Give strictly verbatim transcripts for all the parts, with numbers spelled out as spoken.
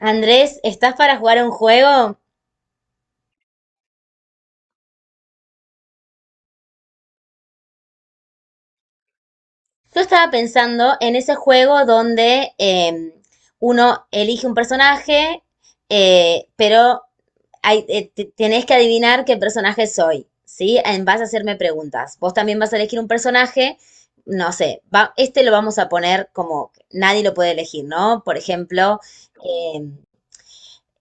Andrés, ¿estás para jugar a un juego? Yo estaba pensando en ese juego donde eh, uno elige un personaje, eh, pero hay- eh, te- tenés que adivinar qué personaje soy, ¿sí? En- Vas a hacerme preguntas. Vos también vas a elegir un personaje, no sé, va- este lo vamos a poner como que nadie lo puede elegir, ¿no? Por ejemplo, eh,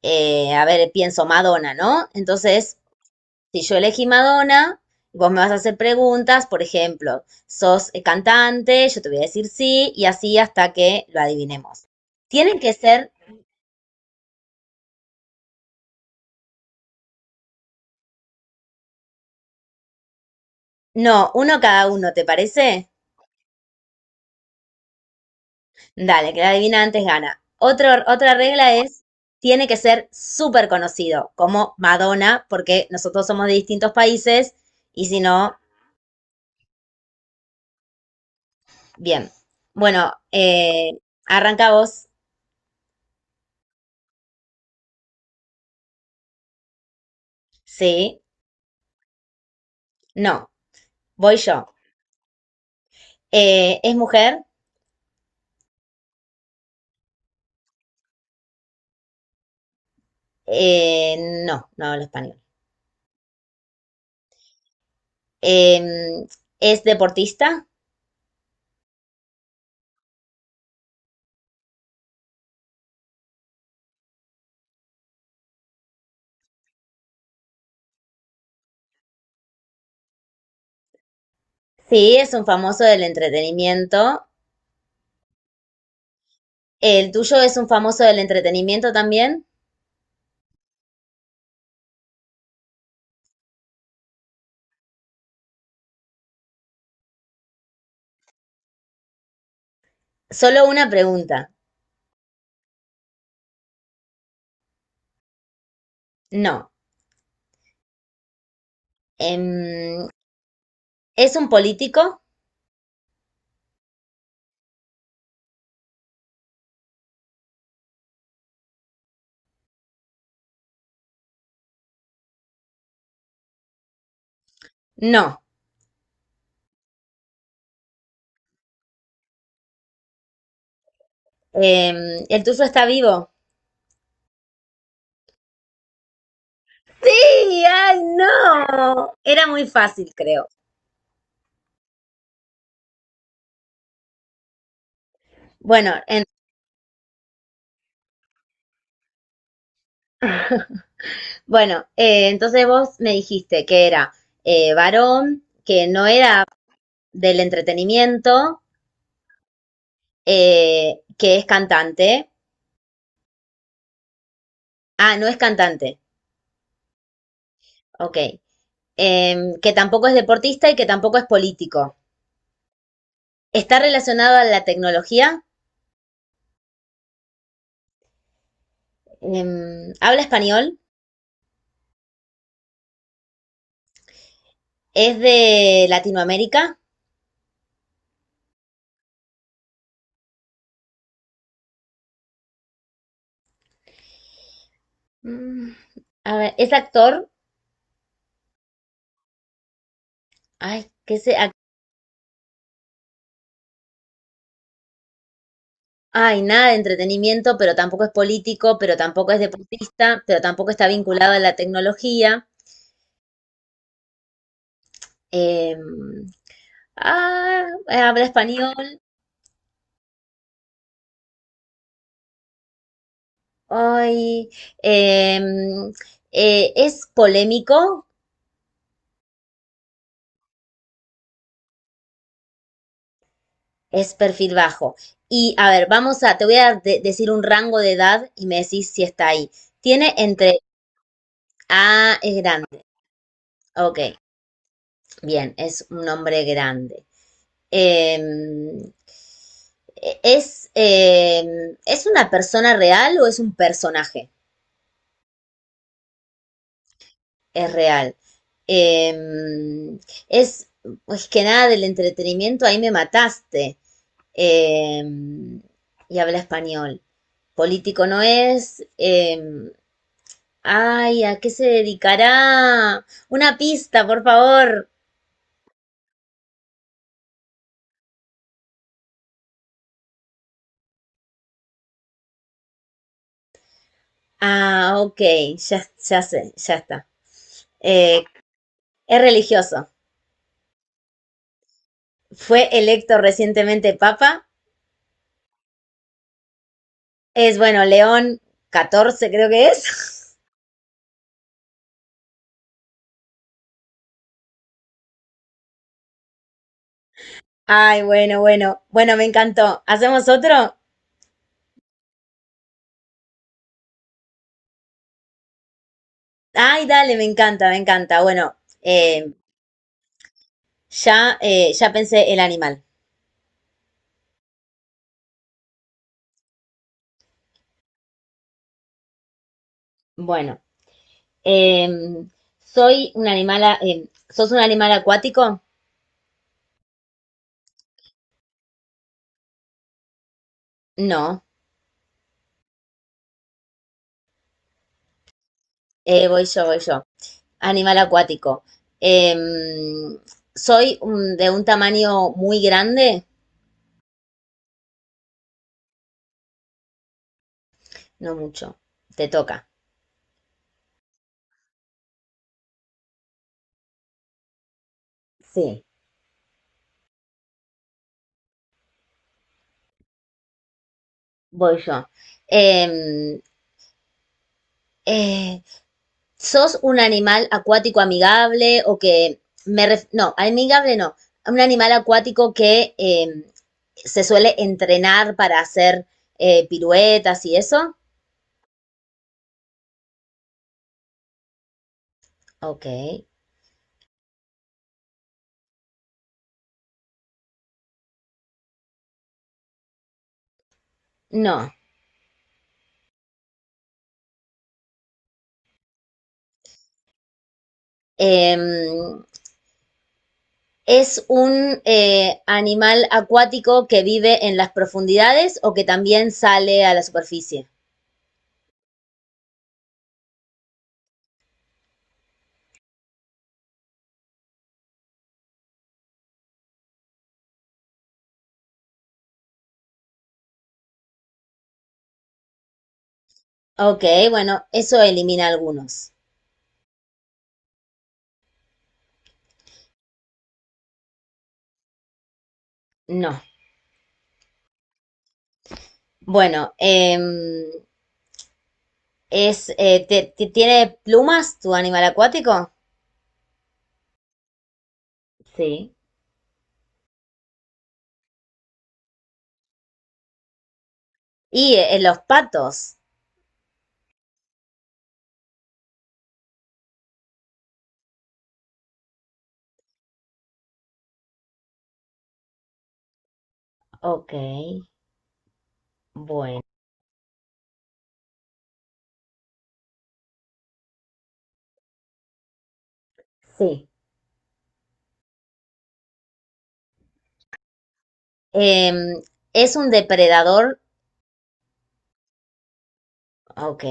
eh, a ver, pienso Madonna, ¿no? Entonces, si yo elegí Madonna, vos me vas a hacer preguntas, por ejemplo, ¿sos eh, cantante? Yo te voy a decir sí, y así hasta que lo adivinemos. Tienen que ser, no, uno cada uno, ¿te parece? Dale, que la adivina antes gana. Otro, otra regla es, tiene que ser súper conocido, como Madonna, porque nosotros somos de distintos países, y si no, bien. Bueno, eh, arranca vos, sí, no, voy yo. Eh, ¿es mujer? Eh, no, no hablo español. Em, ¿es deportista? Sí, es un famoso del entretenimiento. ¿El tuyo es un famoso del entretenimiento también? Solo una pregunta. No. Em, ¿es un político? No. Em, ¿el tuyo está vivo? Sí, ay, no. Era muy fácil, creo. Bueno, en- bueno, eh, entonces vos me dijiste que era eh, varón, que no era del entretenimiento, eh, que es cantante. Ah, no es cantante, ok. Em, que tampoco es deportista y que tampoco es político. Está relacionado a la tecnología, em, habla español, es de Latinoamérica. Mm, a ver, es actor. Ay, qué se... ac- Ay, nada de entretenimiento, pero tampoco es político, pero tampoco es deportista, pero tampoco está vinculado a la tecnología. Em, ah, habla español. Hoy em, eh, es polémico, es perfil bajo. Y a ver, vamos a, te voy a de- decir un rango de edad y me decís si está ahí. Tiene entre, ah, es grande. Ok, bien, es un hombre grande. Em, e- es, em, ¿es una persona real o es un personaje? Es real. Em, es, pues que nada del entretenimiento, ahí me mataste. eh, y habla español. Político no es. eh, ay, ¿a qué se dedicará? Una pista, por favor. Ah, ok, ya, ya sé, ya está. Eh, es religioso. Fue electo recientemente papa. Es, bueno, León catorce, creo que es. Ay, bueno, bueno. Bueno, me encantó. ¿Hacemos otro? Ay, dale, me encanta, me encanta. Bueno, eh, ya, eh, ya pensé el animal. Bueno. Em, ¿Soy un animal, a- em, sos un animal acuático? No. Eh, voy yo, voy yo. Animal acuático. Em, ¿soy un- de un tamaño muy grande? No mucho. Te toca. Sí, voy yo. Em, eh, ¿sos un animal acuático amigable o que me ref- no, amigable no. Un animal acuático que em, se suele entrenar para hacer eh, piruetas y eso. Ok. No. Em, es un eh, animal acuático que vive en las profundidades o que también sale a la superficie. Ok, bueno, eso elimina algunos. No. Bueno, em, es, eh, te- te- ¿tiene plumas tu animal acuático? Sí. Y eh, los patos. Ok, bueno. Sí. Em, ¿es un depredador? Ok.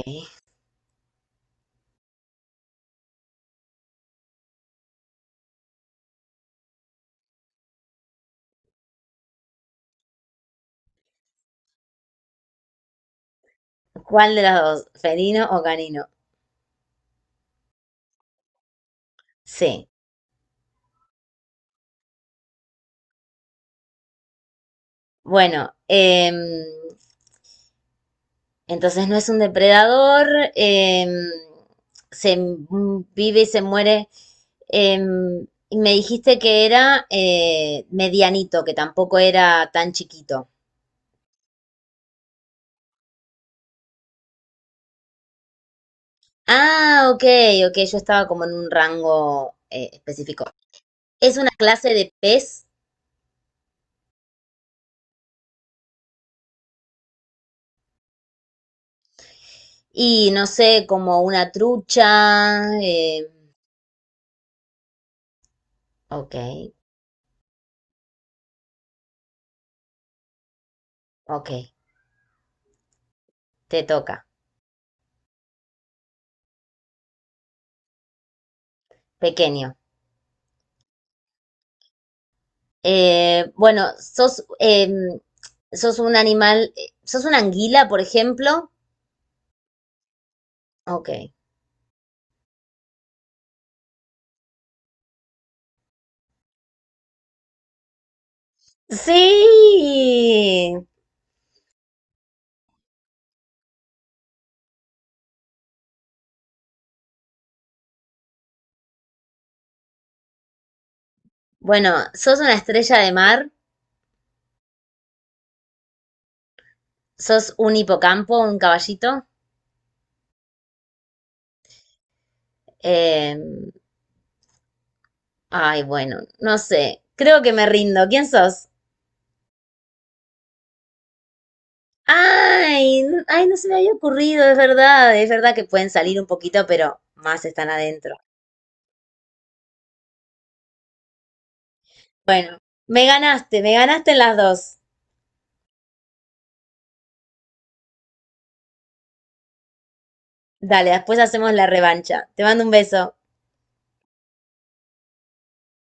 ¿Cuál de las dos? ¿Felino o canino? Sí. Bueno, em, entonces no es un depredador, em, se m- vive y se muere. em, y me dijiste que era eh, medianito, que tampoco era tan chiquito. Ah, ok, ok, yo estaba como en un rango eh, específico. Es una clase de pez y no sé, como una trucha. em, ok, ok, te toca. Pequeño. Eh, bueno, sos, em, sos un animal, sos una anguila, por ejemplo. Ok. Sí. Bueno, sos una estrella de mar, sos un hipocampo, un caballito. Em, ay, bueno, no sé, creo que me rindo. ¿Quién sos? Ay, n- ay, no se me había ocurrido, es verdad, es verdad que pueden salir un poquito, pero más están adentro. Bueno, me ganaste, me ganaste en las dos. Dale, después hacemos la revancha. Te mando un beso.